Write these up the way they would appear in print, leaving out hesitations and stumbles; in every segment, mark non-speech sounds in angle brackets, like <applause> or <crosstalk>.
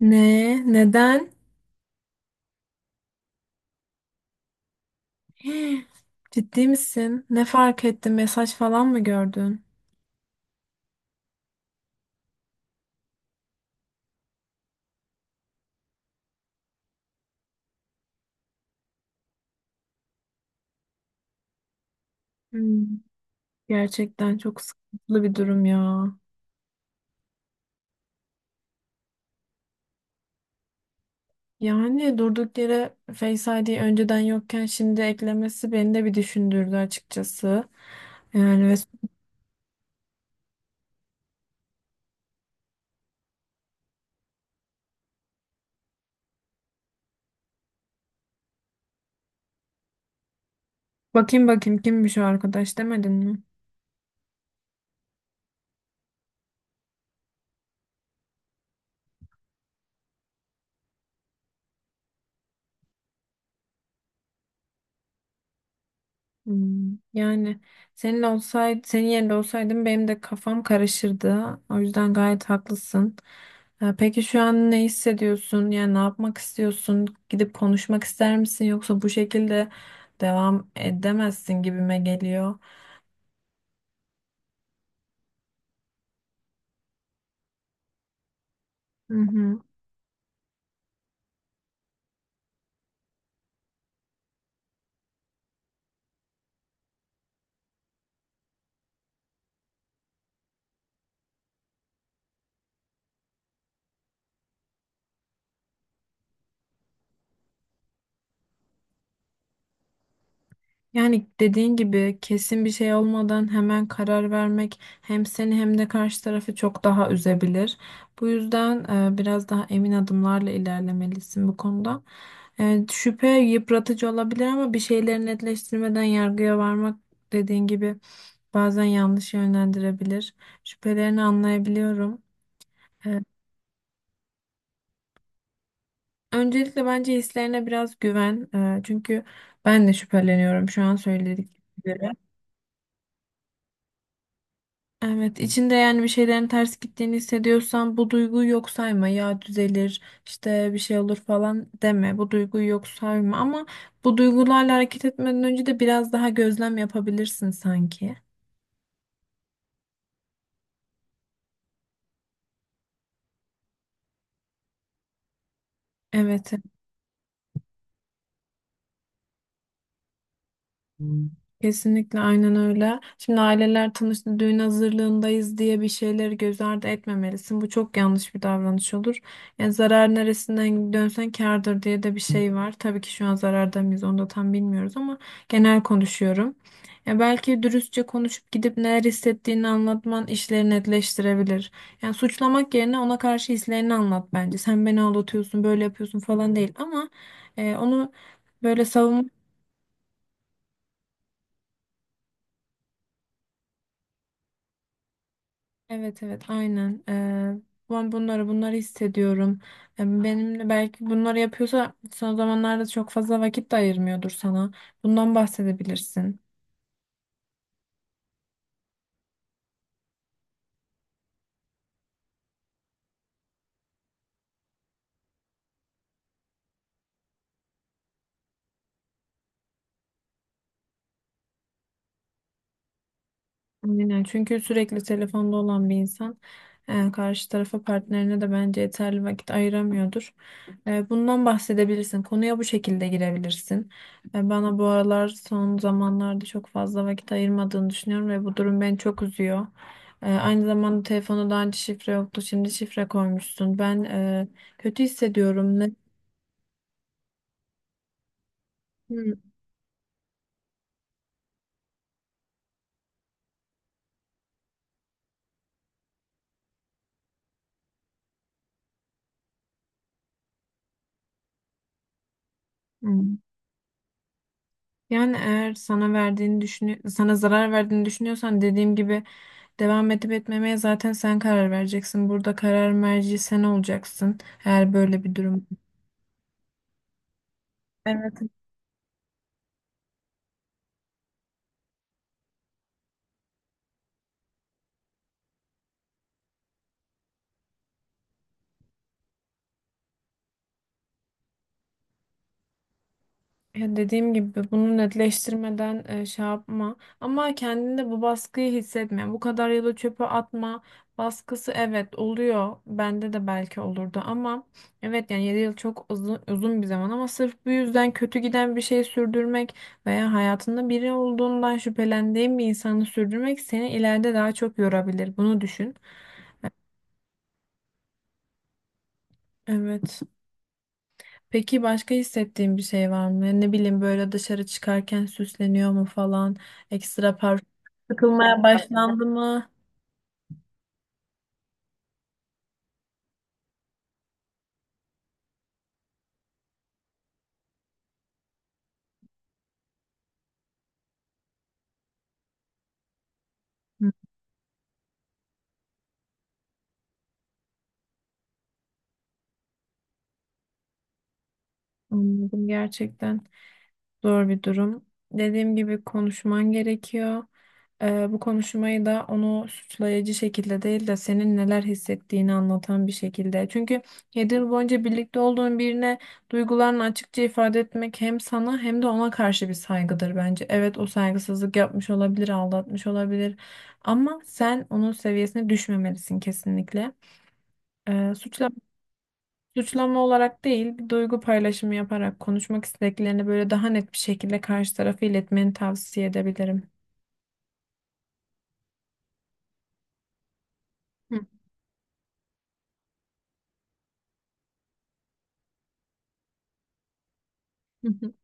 Ne? Neden? <gasps> Ciddi misin? Ne fark ettin? Mesaj falan mı gördün? Hmm, Gerçekten çok sıkıntılı bir durum ya. Yani durduk yere Face ID önceden yokken şimdi eklemesi beni de bir düşündürdü açıkçası. Yani bakayım bakayım kimmiş o arkadaş demedin mi? Yani senin yerinde olsaydım benim de kafam karışırdı. O yüzden gayet haklısın. Peki şu an ne hissediyorsun? Yani ne yapmak istiyorsun? Gidip konuşmak ister misin? Yoksa bu şekilde devam edemezsin gibime geliyor. Hı hı. Yani dediğin gibi kesin bir şey olmadan hemen karar vermek hem seni hem de karşı tarafı çok daha üzebilir. Bu yüzden biraz daha emin adımlarla ilerlemelisin bu konuda. Şüphe yıpratıcı olabilir ama bir şeyleri netleştirmeden yargıya varmak, dediğin gibi, bazen yanlış yönlendirebilir. Şüphelerini anlayabiliyorum. E, öncelikle bence hislerine biraz güven. Çünkü ben de şüpheleniyorum şu an söyledikleri. Evet, içinde yani bir şeylerin ters gittiğini hissediyorsan bu duyguyu yok sayma. Ya düzelir, işte bir şey olur falan deme. Bu duyguyu yok sayma, ama bu duygularla hareket etmeden önce de biraz daha gözlem yapabilirsin sanki. Evet. Hmm. Kesinlikle aynen öyle. Şimdi aileler tanıştı, düğün hazırlığındayız diye bir şeyleri göz ardı etmemelisin. Bu çok yanlış bir davranış olur. Yani zarar neresinden dönsen kârdır diye de bir şey var. Tabii ki şu an zararda mıyız onu da tam bilmiyoruz ama genel konuşuyorum. Ya belki dürüstçe konuşup gidip neler hissettiğini anlatman işleri netleştirebilir. Yani suçlamak yerine ona karşı hislerini anlat bence. Sen beni aldatıyorsun, böyle yapıyorsun falan değil ama onu. Böyle savunma. Evet, evet, aynen. Ben bunları hissediyorum. Benimle belki bunları yapıyorsa son zamanlarda çok fazla vakit de ayırmıyordur sana. Bundan bahsedebilirsin. Aynen. Çünkü sürekli telefonda olan bir insan karşı tarafa, partnerine de bence yeterli vakit ayıramıyordur. Bundan bahsedebilirsin. Konuya bu şekilde girebilirsin. Bana bu aralar, son zamanlarda çok fazla vakit ayırmadığını düşünüyorum ve bu durum beni çok üzüyor. Aynı zamanda telefonu daha önce şifre yoktu. Şimdi şifre koymuşsun. Ben kötü hissediyorum. Ne? Hı, hı. Yani eğer sana zarar verdiğini düşünüyorsan, dediğim gibi, devam edip etmemeye zaten sen karar vereceksin. Burada karar merci sen olacaksın. Eğer böyle bir durum. Evet. Ya dediğim gibi bunu netleştirmeden şey yapma. Ama kendinde bu baskıyı hissetme. Bu kadar yılı çöpe atma. Baskısı evet oluyor. Bende de belki olurdu ama evet, yani 7 yıl çok uzun, uzun bir zaman ama sırf bu yüzden kötü giden bir şey sürdürmek veya hayatında biri olduğundan şüphelendiğin bir insanı sürdürmek seni ileride daha çok yorabilir. Bunu düşün. Evet. Peki başka hissettiğin bir şey var mı? Ne bileyim, böyle dışarı çıkarken süsleniyor mu falan? Ekstra parfüm sıkılmaya başlandı mı? Hı, anladım gerçekten. Zor bir durum. Dediğim gibi konuşman gerekiyor. Bu konuşmayı da onu suçlayıcı şekilde değil de senin neler hissettiğini anlatan bir şekilde. Çünkü 7 yıl boyunca birlikte olduğun birine duygularını açıkça ifade etmek hem sana hem de ona karşı bir saygıdır bence. Evet, o saygısızlık yapmış olabilir, aldatmış olabilir ama sen onun seviyesine düşmemelisin kesinlikle. Ee, suçlama Suçlama olarak değil, bir duygu paylaşımı yaparak konuşmak istediklerini böyle daha net bir şekilde karşı tarafı iletmeni tavsiye edebilirim. Hı. Hı hı.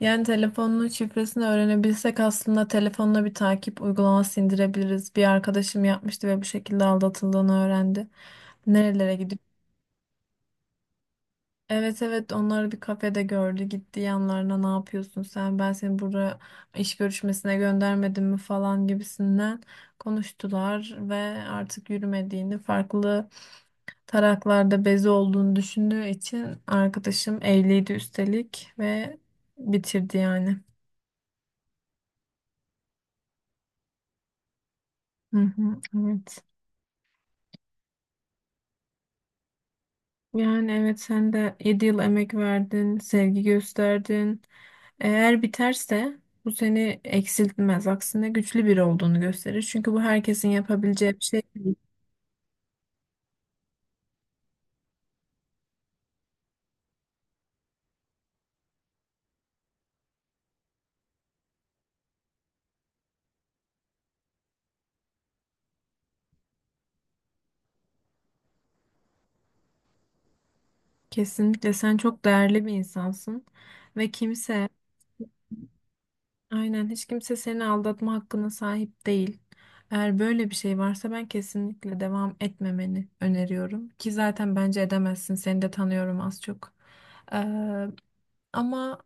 Yani telefonunun şifresini öğrenebilsek aslında telefonuna bir takip uygulaması indirebiliriz. Bir arkadaşım yapmıştı ve bu şekilde aldatıldığını öğrendi. Nerelere gidip? Evet, evet, onları bir kafede gördü, gitti yanlarına, ne yapıyorsun sen, ben seni buraya iş görüşmesine göndermedim mi falan gibisinden konuştular ve artık yürümediğini, farklı taraklarda bezi olduğunu düşündüğü için, arkadaşım evliydi üstelik, ve bitirdi yani. Hı hı, evet. Yani evet, sen de 7 yıl emek verdin, sevgi gösterdin. Eğer biterse bu seni eksiltmez. Aksine güçlü biri olduğunu gösterir. Çünkü bu herkesin yapabileceği bir şey değil. Kesinlikle sen çok değerli bir insansın ve kimse... Aynen, hiç kimse seni aldatma hakkına sahip değil. Eğer böyle bir şey varsa ben kesinlikle devam etmemeni öneriyorum. Ki zaten bence edemezsin. Seni de tanıyorum az çok. Ee, ama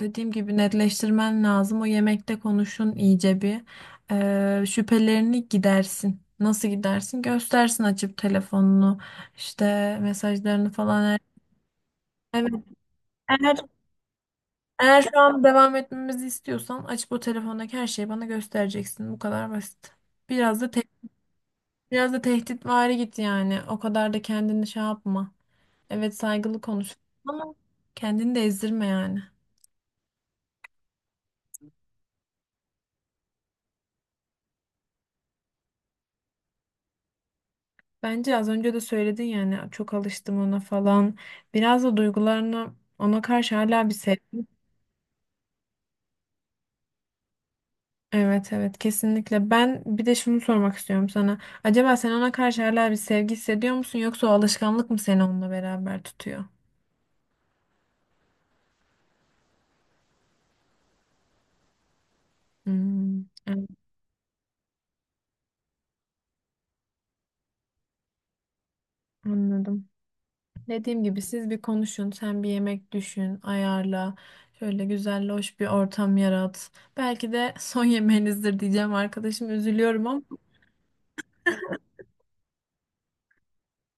dediğim gibi netleştirmen lazım. O yemekte konuşun iyice bir. Şüphelerini gidersin. Nasıl gidersin? Göstersin açıp telefonunu, işte mesajlarını falan. Evet. Eğer eğer şu an devam etmemizi istiyorsan açıp o telefondaki her şeyi bana göstereceksin. Bu kadar basit. Biraz da te biraz da tehditvari git yani. O kadar da kendini şey yapma. Evet, saygılı konuş ama kendini de ezdirme yani. Bence az önce de söyledin yani, çok alıştım ona falan. Biraz da duygularını ona karşı hala bir sev. Evet, evet, kesinlikle. Ben bir de şunu sormak istiyorum sana. Acaba sen ona karşı hala bir sevgi hissediyor musun, yoksa o alışkanlık mı seni onunla beraber tutuyor? Hmm, evet, anladım. Dediğim gibi siz bir konuşun, sen bir yemek düşün, ayarla. Şöyle güzel, hoş bir ortam yarat. Belki de <laughs> son yemeğinizdir diyeceğim arkadaşım, üzülüyorum ama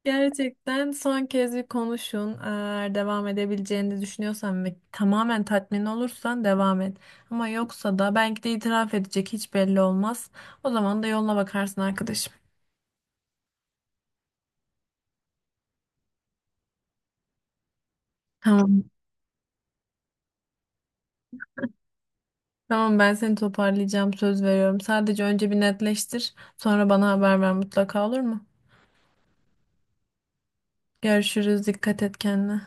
gerçekten son kez bir konuşun. Eğer devam edebileceğini düşünüyorsan ve tamamen tatmin olursan devam et. Ama yoksa da belki de itiraf edecek, hiç belli olmaz. O zaman da yoluna bakarsın arkadaşım. Tamam. Tamam, ben seni toparlayacağım, söz veriyorum. Sadece önce bir netleştir, sonra bana haber ver mutlaka, olur mu? Görüşürüz, dikkat et kendine.